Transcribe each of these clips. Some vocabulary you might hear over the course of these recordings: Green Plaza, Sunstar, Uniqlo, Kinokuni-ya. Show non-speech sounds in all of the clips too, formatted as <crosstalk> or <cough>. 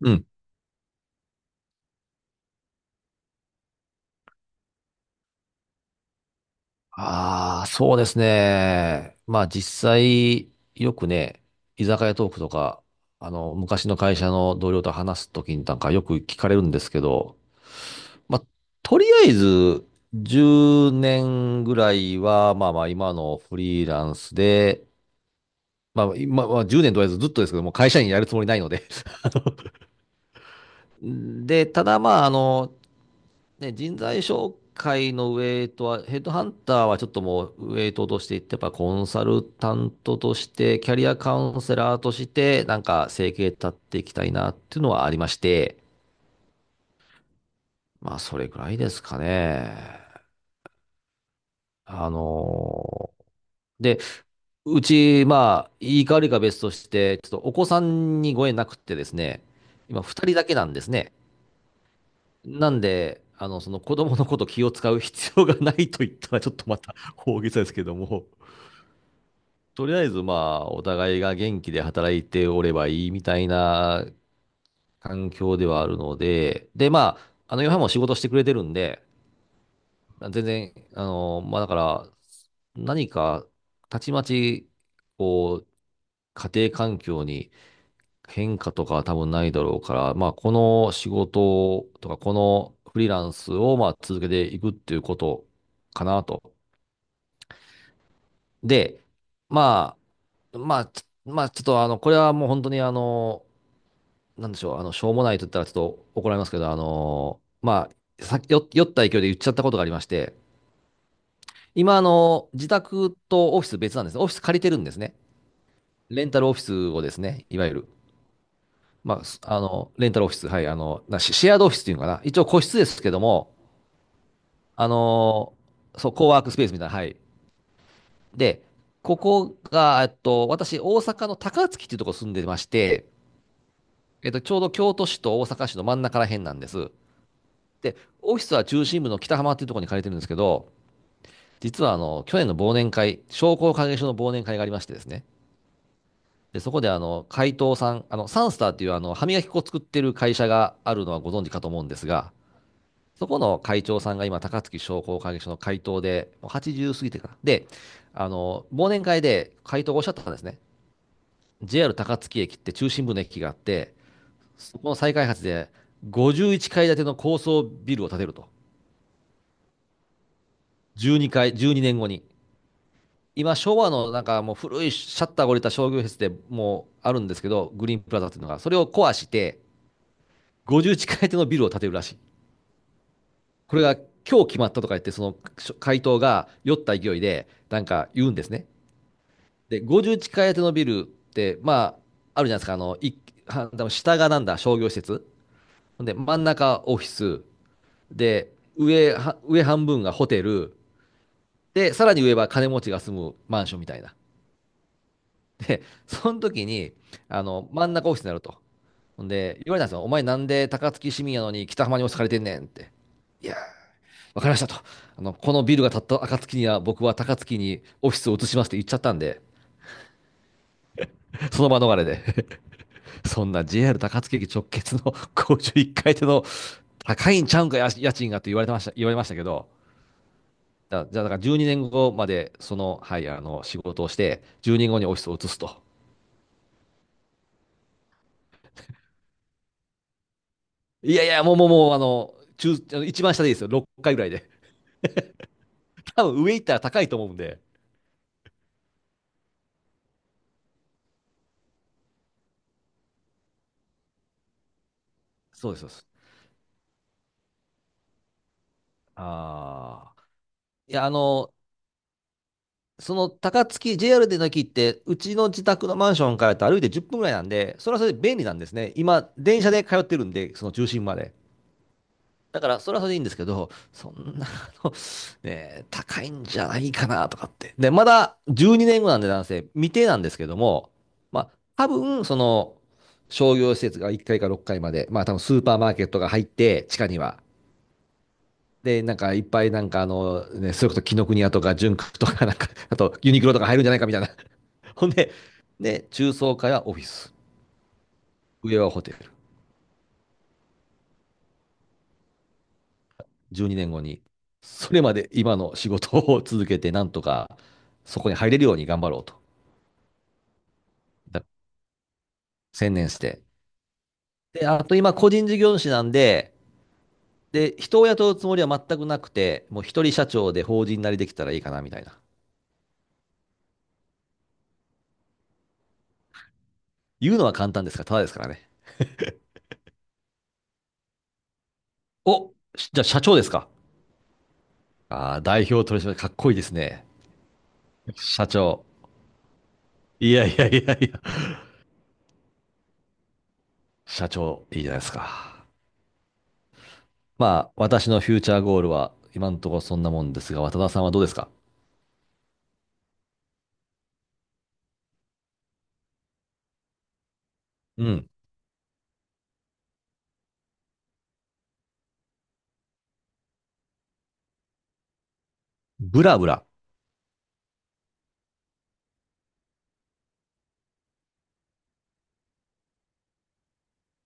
うん。ああ、そうですね。まあ実際、よくね、居酒屋トークとか、昔の会社の同僚と話すときになんかよく聞かれるんですけど、まあ、とりあえず、10年ぐらいは、まあまあ今のフリーランスで、まあ今は10年とりあえずずっとですけども、会社員やるつもりないので。<laughs> で、ただまあ、ね、人材紹介のウェイトは、ヘッドハンターはちょっともうウェイトとしていって、やっぱコンサルタントとして、キャリアカウンセラーとして、なんか生計立っていきたいなっていうのはありまして、まあそれぐらいですかね。あのーで、うち、まあ、いいか悪いか別として、ちょっとお子さんにご縁なくってですね、今2人だけなんですね。なんで、その子供のこと気を使う必要がないと言ったらちょっとまた大げさですけども、とりあえずまあ、お互いが元気で働いておればいいみたいな環境ではあるので、でまあ、ヨハンも仕事してくれてるんで、全然、まあだから、何か、たちまち、こう、家庭環境に変化とかは多分ないだろうから、まあ、この仕事とか、このフリーランスをまあ続けていくっていうことかなと。で、まあ、ちょっとこれはもう本当になんでしょう、しょうもないと言ったらちょっと怒られますけど、まあ、酔った勢いで言っちゃったことがありまして、今、自宅とオフィス別なんですね。オフィス借りてるんですね。レンタルオフィスをですね、いわゆる。まあ、すあの、レンタルオフィス、はい、シシェアードオフィスっていうのかな。一応個室ですけども、あのそう、コワークスペースみたいな、はい。で、ここが、私、大阪の高槻っていうところ住んでまして、ちょうど京都市と大阪市の真ん中ら辺なんです。で、オフィスは中心部の北浜っていうところに借りてるんですけど、実は去年の忘年会、商工会議所の忘年会がありましてですね。で、そこで会頭さん、サンスターっていう歯磨き粉を作ってる会社があるのはご存知かと思うんですが、そこの会長さんが今、高槻商工会議所の会頭で、もう80過ぎてから。で、忘年会で会頭がおっしゃったんですね。JR 高槻駅って中心部の駅があって、そこの再開発で51階建ての高層ビルを建てると。12年後にねんごに。今、昭和のなんかもう古いシャッターが降りた商業施設でもうあるんですけど、グリーンプラザっていうのが、それを壊して、50地い手のビルを建てるらしい。これが今日決まったとか言って、その回答が酔った勢いで、なんか言うんですね。で、50地い手のビルって、まあ、あるじゃないですか、は下がなんだ、商業施設。で、真ん中オフィス。で、上半分がホテル。で、さらに上は金持ちが住むマンションみたいな。で、その時に、真ん中オフィスになると。ほんで、言われたんですよ。お前なんで高槻市民やのに北浜に押借りてんねんって。いや、わかりましたと。このビルが建った暁には僕は高槻にオフィスを移しますって言っちゃったんで、その場逃れで。<laughs> そんな JR 高槻駅直結の <laughs> 51階建の高いんちゃうんか、や家賃がって言われましたけど、だじゃあだから12年後までその、はい、仕事をして、12年後にオフィスを移すと。いやいや、もうもうもう、あの、中、あの一番下でいいですよ。6回ぐらいで。<laughs> 多分上行ったら高いと思うんで。そうです、そうです。ああ。いや、その高槻、JR での駅って、うちの自宅のマンションからと歩いて10分ぐらいなんで、それはそれで便利なんですね。今、電車で通ってるんで、その中心まで。だから、それはそれでいいんですけど、そんな、ね、高いんじゃないかなとかって。で、まだ12年後なんで、男性、未定なんですけども、まあ、多分、その、商業施設が1階か6階まで、まあ、多分スーパーマーケットが入って、地下には。で、なんか、いっぱい、なんか、ね、それこそ紀ノ国屋とか、純駆とか、なんか、あと、ユニクロとか入るんじゃないかみたいな。<laughs> ほんで、中層階はオフィス、上はホテル。12年後にねんごに、それまで今の仕事を続けて、なんとかそこに入れるように頑張ろうと。専念して。で、あと今、個人事業主なんで、で、人を雇うつもりは全くなくて、もう一人社長で法人なりできたらいいかな、みたいな。言うのは簡単ですから、ただですからね。お、じゃあ社長ですか。ああ、代表取締役かっこいいですね。社長。いやいやいやいや。社長、いいじゃないですか。まあ、私のフューチャーゴールは、今のところそんなもんですが、渡田さんはどうですか？うん。ブラブラ。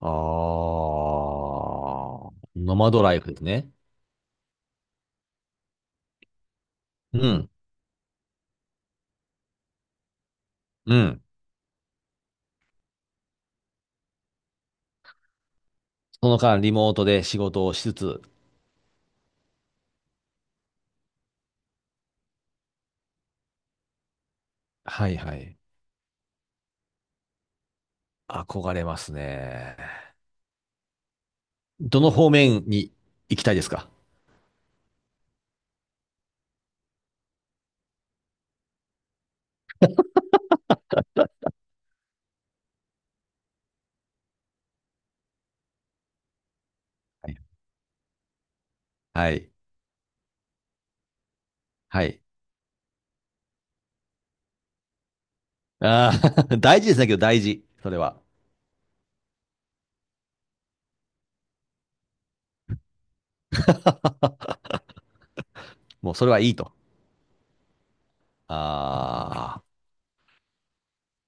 あー、ノマドライフですね。うん。うん。その間、リモートで仕事をしつつ。はいはい。憧れますね。どの方面に行きたいですか？はいはい。はい。あー <laughs> 大事ですね、けど大事。それは。もうそれはいいと。ああ。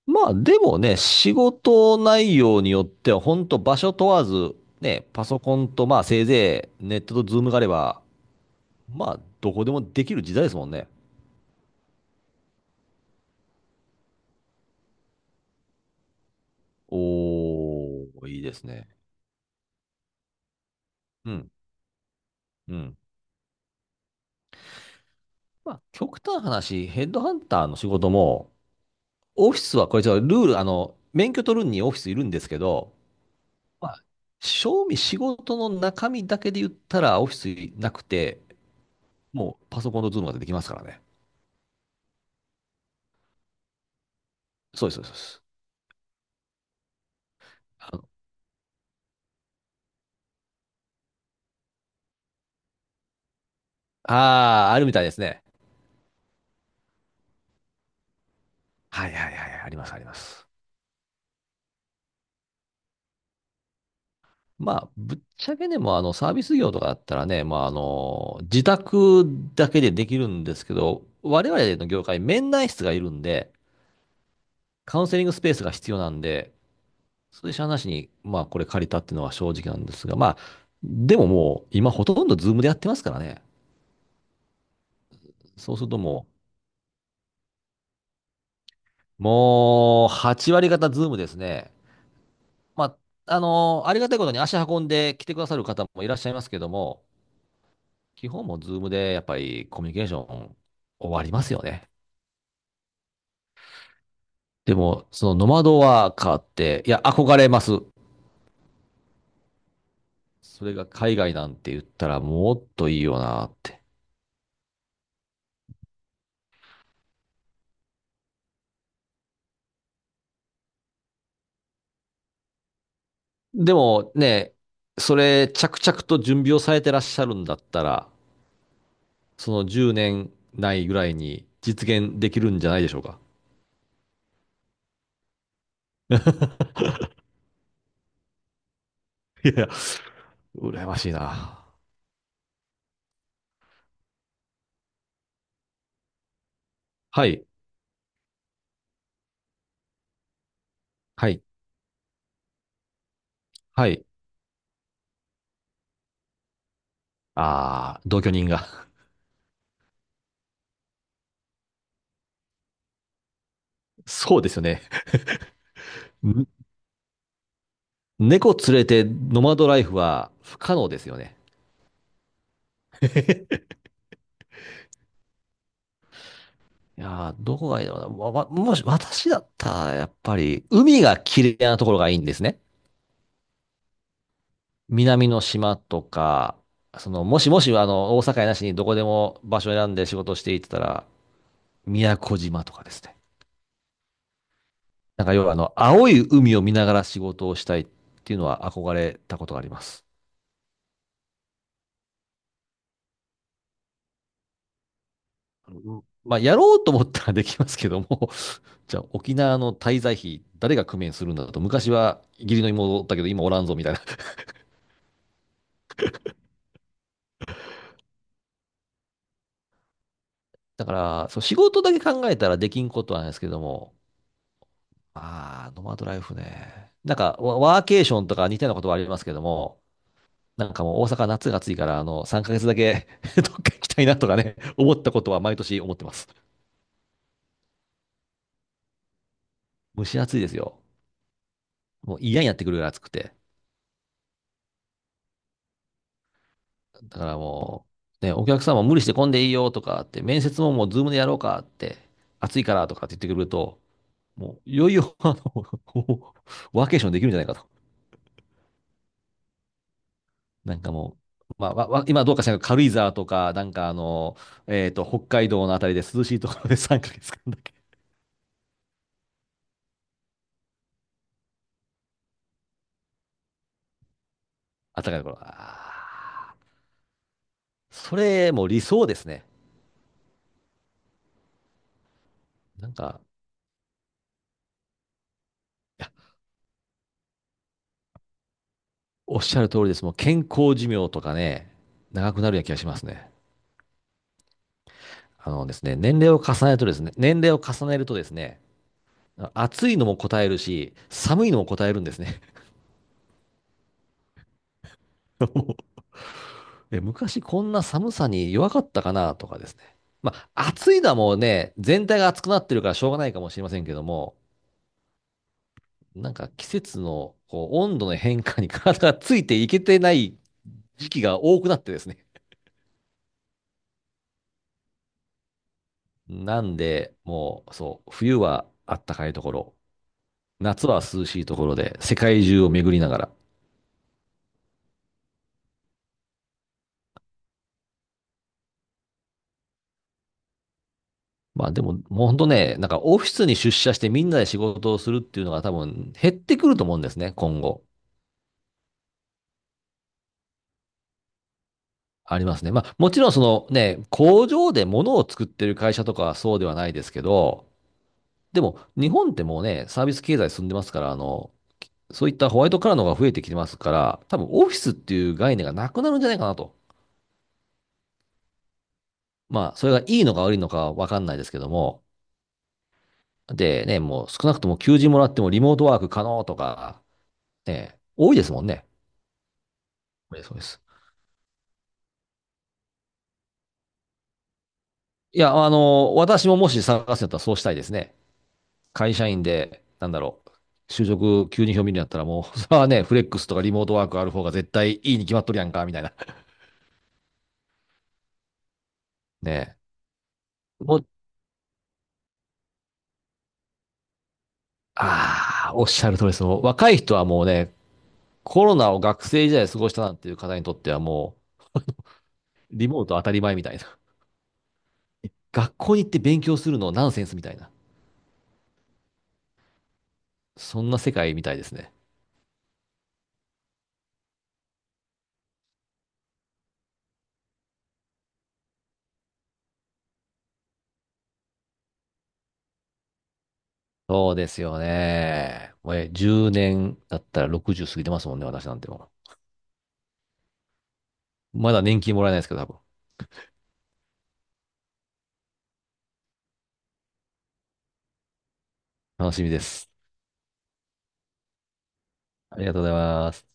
まあでもね、仕事内容によっては、本当場所問わず、ね、パソコンとまあせいぜいネットとズームがあれば、まあ、どこでもできる時代ですもんね。おー、いいですね。うん、うん。まあ、極端な話、ヘッドハンターの仕事も、オフィスはこれちょっとルール、免許取るにオフィスいるんですけど、まあ、正味仕事の中身だけで言ったらオフィスなくて、もうパソコンとズームができますからね。そうです、そうです。そうです。あのあるみたいですね。はいはいはいはい、あります、あります。まあ、ぶっちゃけでも、サービス業とかだったらね、まあ、自宅だけでできるんですけど、我々の業界、面談室がいるんで、カウンセリングスペースが必要なんで、それしゃあなしに、まあ、これ借りたっていうのは正直なんですが、まあ、でももう、今ほとんどズームでやってますからね。そうするともう、8割方ズームですね。まあ、ありがたいことに足運んで来てくださる方もいらっしゃいますけども、基本もズームでやっぱりコミュニケーション終わりますよね。でも、そのノマドワーカーって、いや、憧れます。それが海外なんて言ったらもっといいよなって。でもね、それ着々と準備をされてらっしゃるんだったら、その10年ないぐらいに実現できるんじゃないでしょうか。いやいや、羨ましいな。はい、はい、はい。あー、同居人が。<laughs> そうですよね。ん猫連れてノマドライフは不可能ですよね。<laughs> いやー、どこがいいだろうな。もし、私だったら、やっぱり、海が綺麗なところがいいんですね。南の島とか、もしもし、大阪やなしにどこでも場所を選んで仕事をしていってたら、宮古島とかですね。なんか、要は、青い海を見ながら仕事をしたいっていうのは憧れたことがあります。まあ、やろうと思ったらできますけども、<laughs> じゃあ、沖縄の滞在費、誰が工面するんだと、昔は義理の妹だったけど、今おらんぞ、みたいな。だから、そう、仕事だけ考えたらできんことはないですけども、ああ、ノマドライフね。なんか、ワワーケーションとか似たようなことはありますけども、なんかもう大阪夏が暑いから、3ヶ月だけ <laughs> どっか行きたいなとかね、思ったことは毎年思ってます。蒸し暑いですよ。もう嫌になってくるぐらい暑くて。だからもう、ね、お客さんも無理して混んでいいよとかって、面接ももうズームでやろうかって、暑いからとかって言ってくると、もういよいよ、<laughs> ワーケーションできるんじゃないかと。なんかもう、まあ、今どうかしらんけど、軽井沢とか、なんか北海道のあたりで涼しいところで3ヶ月間だけ。暖かいところ。それもう理想ですね。なんか、いや、おっしゃる通りです。もう健康寿命とかね、長くなるような気がしますね。あのですね、年齢を重ねるとですね、年齢を重ねるとですね、暑いのも答えるし、寒いのも答えるんですね。<laughs> 昔こんな寒さに弱かったかなとかですね。まあ、暑いのはもうね、全体が暑くなってるからしょうがないかもしれませんけども、なんか季節のこう温度の変化に体がついていけてない時期が多くなってですね。なんで、もう、そう、冬はあったかいところ、夏は涼しいところで、世界中を巡りながら。まあでも、もうほんとね、なんかオフィスに出社してみんなで仕事をするっていうのが多分減ってくると思うんですね、今後。ありますね。まあ、もちろんそのね、工場で物を作ってる会社とかはそうではないですけど、でも日本ってもうね、サービス経済進んでますから、そういったホワイトカラーの方が増えてきてますから、多分オフィスっていう概念がなくなるんじゃないかなと。まあ、それがいいのか悪いのかわかんないですけども。でね、もう少なくとも求人もらってもリモートワーク可能とか、ね、多いですもんね。そうです。そうです。いや、私ももし探すんだったらそうしたいですね。会社員で、なんだろう、就職急に表明になったらもう、<laughs> それはね、フレックスとかリモートワークある方が絶対いいに決まっとるやんか、みたいな。<laughs> ねえ。もう、ああ、おっしゃる通りです。もう若い人はもうね、コロナを学生時代過ごしたなんていう方にとってはもう、リモート当たり前みたいな。<laughs> 学校に行って勉強するのナンセンスみたいな。そんな世界みたいですね。そうですよね。もう10年だったら60過ぎてますもんね、私なんてもう。まだ年金もらえないですけど、多分。楽しみです。ありがとうございます。